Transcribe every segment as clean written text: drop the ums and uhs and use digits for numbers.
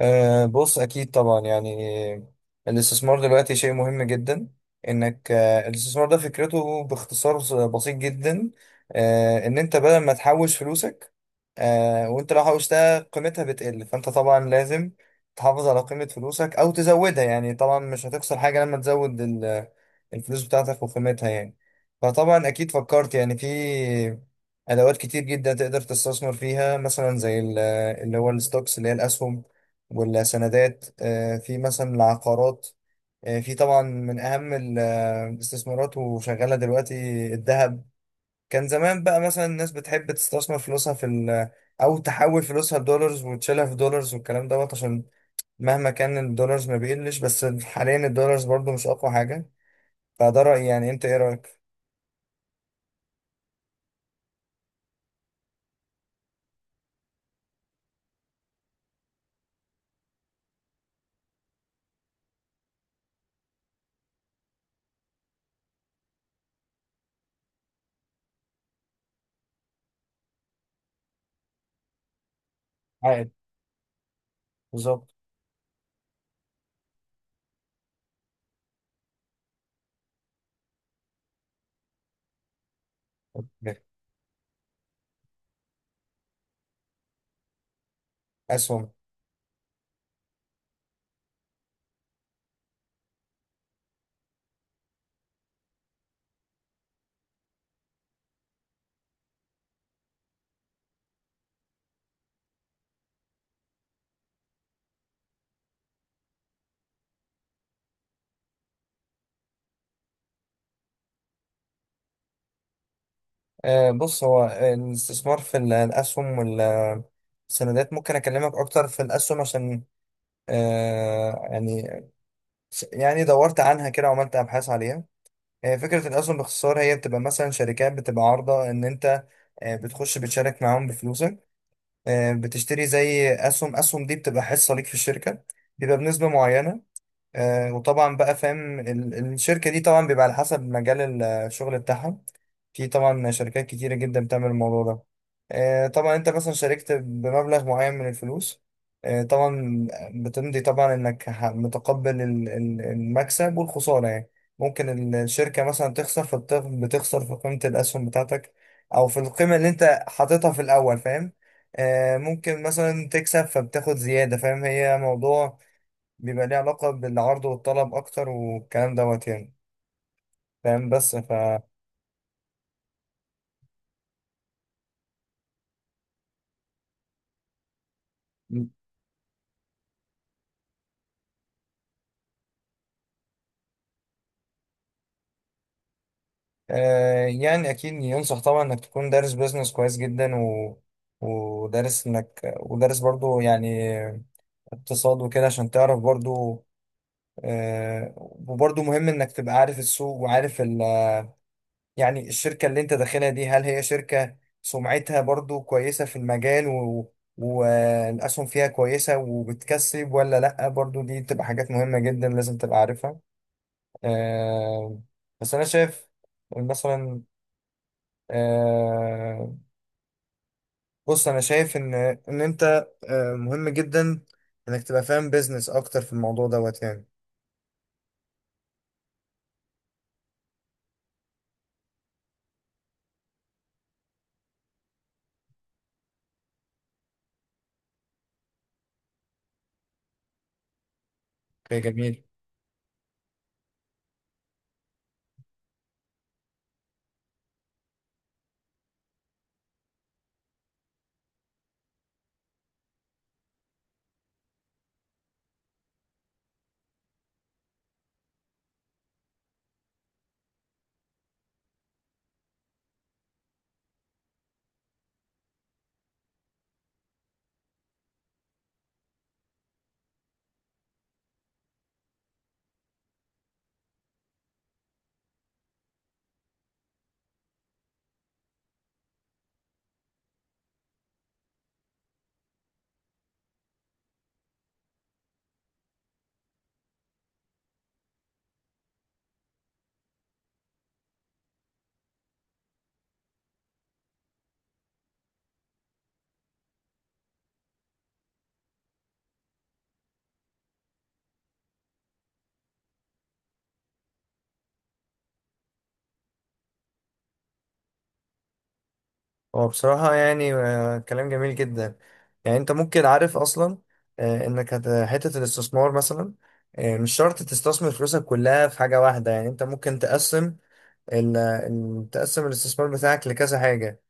بص أكيد طبعا يعني الاستثمار دلوقتي شيء مهم جدا. إنك أه الاستثمار ده فكرته باختصار بسيط جدا. إن أنت بدل ما تحوش فلوسك، وأنت لو حوشتها قيمتها بتقل، فأنت طبعا لازم تحافظ على قيمة فلوسك أو تزودها، يعني طبعا مش هتخسر حاجة لما تزود الفلوس بتاعتك وقيمتها يعني. فطبعا أكيد فكرت يعني في أدوات كتير جدا تقدر تستثمر فيها، مثلا زي اللي هو الستوكس، اللي هي الأسهم، ولا سندات، في مثلا العقارات، في طبعا من أهم الاستثمارات وشغالة دلوقتي الذهب. كان زمان بقى مثلا الناس بتحب تستثمر فلوسها في أو تحول فلوسها لدولارز وتشيلها في دولارز والكلام دوت، عشان مهما كان الدولارز ما بيقلش، بس حاليا الدولارز برضو مش أقوى حاجة. فده رأيي، يعني أنت إيه رأيك؟ عائد. بالظبط. أسهم. بص، هو الاستثمار في الأسهم والسندات ممكن أكلمك أكتر في الأسهم، عشان آه يعني يعني دورت عنها كده وعملت ابحاث عليها. فكره الاسهم باختصار هي بتبقى مثلا شركات بتبقى عارضه ان انت بتخش بتشارك معاهم بفلوسك، بتشتري زي اسهم، دي بتبقى حصه ليك في الشركه، بيبقى بنسبه معينه. وطبعا بقى فاهم الشركة دي طبعا بيبقى على حسب مجال الشغل بتاعها. في طبعا شركات كتيرة جدا بتعمل الموضوع ده. طبعا انت مثلا شاركت بمبلغ معين من الفلوس، طبعا بتمضي طبعا انك متقبل المكسب والخسارة يعني. ممكن الشركة مثلا تخسر، بتخسر في قيمة الأسهم بتاعتك، أو في القيمة اللي انت حاططها في الأول، فاهم. ممكن مثلا تكسب فبتاخد زيادة، فاهم، هي موضوع بيبقى ليه علاقة بالعرض والطلب أكتر والكلام دوت يعني، فاهم. بس ف آه يعني أكيد ينصح طبعا إنك تكون دارس بيزنس كويس جدا و... ودارس إنك ودارس برضو يعني اقتصاد وكده عشان تعرف برضو. وبرضو مهم إنك تبقى عارف السوق، وعارف يعني الشركة اللي انت داخلها دي هل هي شركة سمعتها برضو كويسة في المجال، والأسهم فيها كويسة وبتكسب ولا لأ، برضو دي بتبقى حاجات مهمة جدا لازم تبقى عارفها. آه... بس أنا شايف مثلا. آه... بص أنا شايف إن أنت مهم جدا إنك تبقى فاهم بيزنس أكتر في الموضوع دوت يعني. اوكي جميل. هو بصراحة يعني كلام جميل جدا. يعني انت ممكن عارف اصلا، انك حتة الاستثمار مثلا. مش شرط تستثمر فلوسك كلها في حاجة واحدة، يعني انت ممكن تقسم، تقسم الاستثمار بتاعك لكذا حاجة،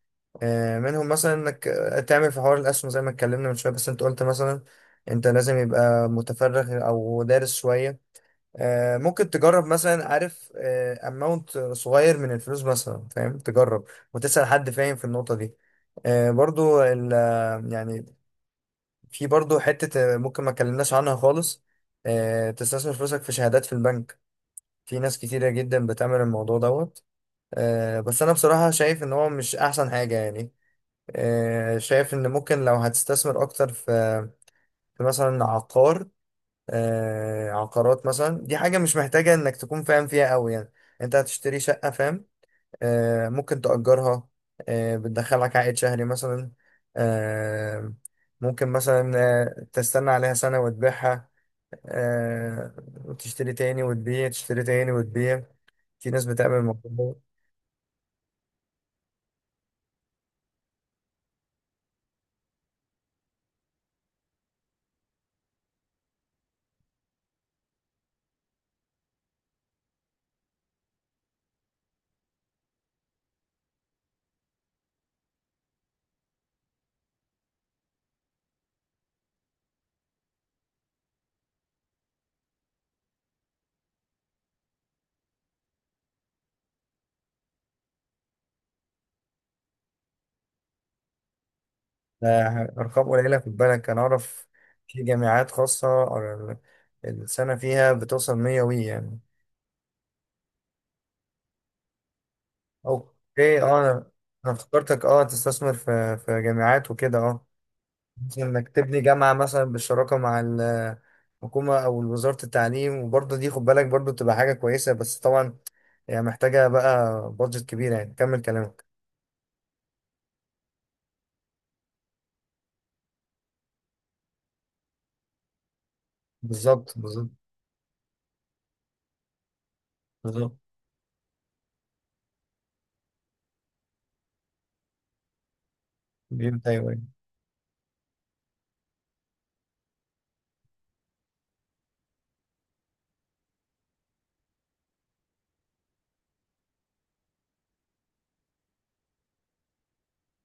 منهم مثلا انك تعمل في حوار الاسهم زي ما اتكلمنا من شوية، بس انت قلت مثلا انت لازم يبقى متفرغ او دارس شوية. ممكن تجرب مثلا، عارف، اماونت صغير من الفلوس مثلا، فاهم، تجرب وتسأل حد فاهم في النقطة دي. برضو يعني في برضو حتة، ممكن ما اتكلمناش عنها خالص. تستثمر فلوسك في شهادات في البنك، في ناس كتيرة جدا بتعمل الموضوع دوت. بس انا بصراحة شايف ان هو مش احسن حاجة يعني. شايف ان ممكن لو هتستثمر اكتر في مثلا عقار. عقارات مثلا، دي حاجة مش محتاجة انك تكون فاهم فيها قوي يعني. انت هتشتري شقة، فاهم، ممكن تأجرها، بتدخلك عائد شهري مثلا، آه، ممكن مثلا تستنى عليها سنة وتبيعها، آه، وتشتري تاني وتبيع، تشتري تاني وتبيع. في ناس بتعمل الموضوع ده. ده أرقام قليلة في بالك، أنا أعرف. في جامعات خاصة، السنة فيها بتوصل 100 وي يعني. اوكي، انا افتكرتك، تستثمر في جامعات وكده اه مثلا انك تبني جامعه مثلا بالشراكه مع الحكومه او وزاره التعليم، وبرضه دي خد بالك برضه تبقى حاجه كويسه، بس طبعا هي محتاجه بقى بادجت كبيره يعني. كمل كلامك. بالظبط. بالظبط. بالظبط. بيبدأ. ايوه، أيوة.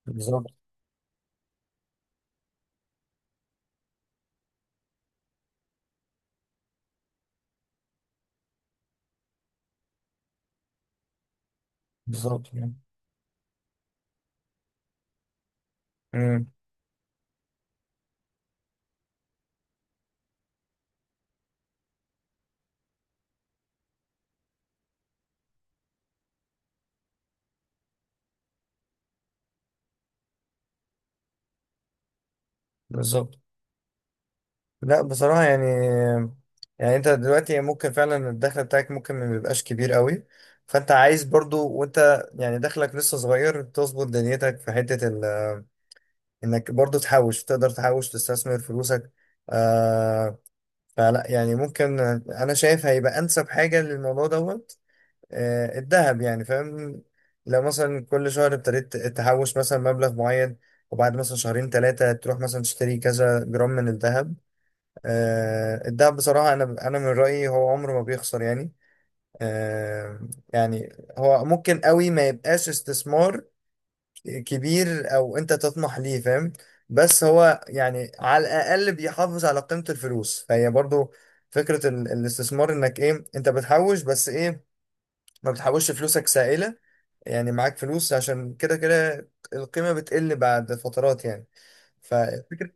بالظبط. بالظبط يعني. امم. بالظبط. لا، بصراحة يعني. يعني انت دلوقتي ممكن فعلا الدخل بتاعك ممكن ما بيبقاش كبير قوي، فانت عايز برضو وانت يعني دخلك لسه صغير تظبط دنيتك في حتة انك برضو تحوش، تقدر تحوش تستثمر فلوسك. آه فلا يعني ممكن، انا شايف هيبقى انسب حاجة للموضوع دوت الذهب يعني، فاهم. لو مثلا كل شهر ابتديت تحوش مثلا مبلغ معين، وبعد مثلا شهرين 3 تروح مثلا تشتري كذا جرام من الذهب. الدهب بصراحة، أنا من رأيي هو عمره ما بيخسر يعني. آه، يعني هو ممكن قوي ما يبقاش استثمار كبير أو أنت تطمح ليه، فاهم. بس هو يعني على الأقل بيحافظ على قيمة الفلوس، فهي برضو فكرة الاستثمار، إنك إيه، أنت بتحوش بس إيه، ما بتحوش فلوسك سائلة، يعني معاك فلوس عشان كده كده القيمة بتقل بعد فترات يعني، ففكرة.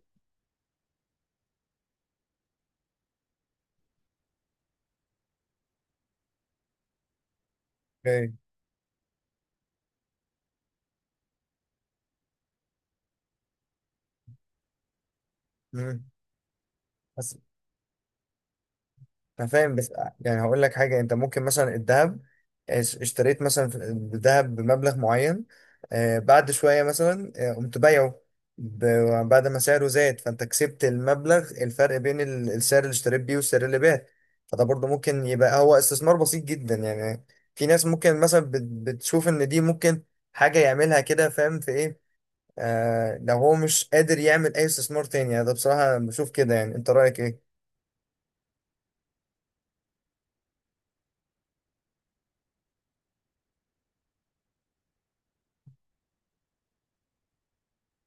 إيه؟ مم. انا فاهم بس، يعني هقول لك حاجه، انت ممكن مثلا الذهب اشتريت مثلا الذهب بمبلغ معين، بعد شويه مثلا قمت بايعه، بعد ما سعره زاد، فانت كسبت المبلغ، الفرق بين السعر اللي اشتريت بيه والسعر اللي بعت، فده برضه ممكن يبقى هو استثمار بسيط جدا يعني. في ناس ممكن مثلا بتشوف ان دي ممكن حاجه يعملها كده، فاهم في ايه. لو هو مش قادر يعمل اي استثمار تاني يعني، ده بصراحه بشوف كده، يعني انت رايك ايه؟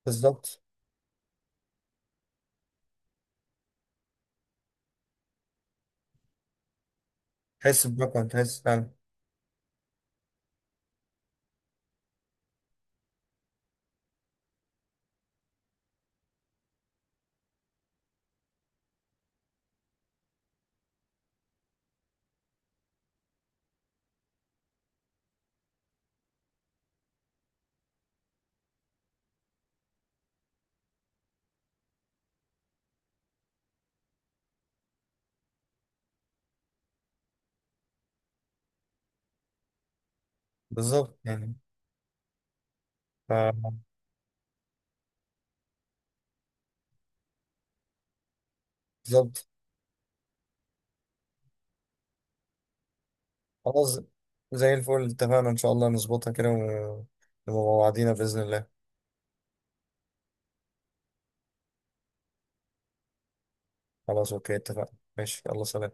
بالظبط. تحس فعلا. بالظبط يعني ف- بالظبط. خلاص، زي الفل، اتفقنا ان شاء الله نظبطها كده، ونبقى مع بعضينا بإذن الله. خلاص، اوكي، اتفقنا، ماشي، يلا سلام.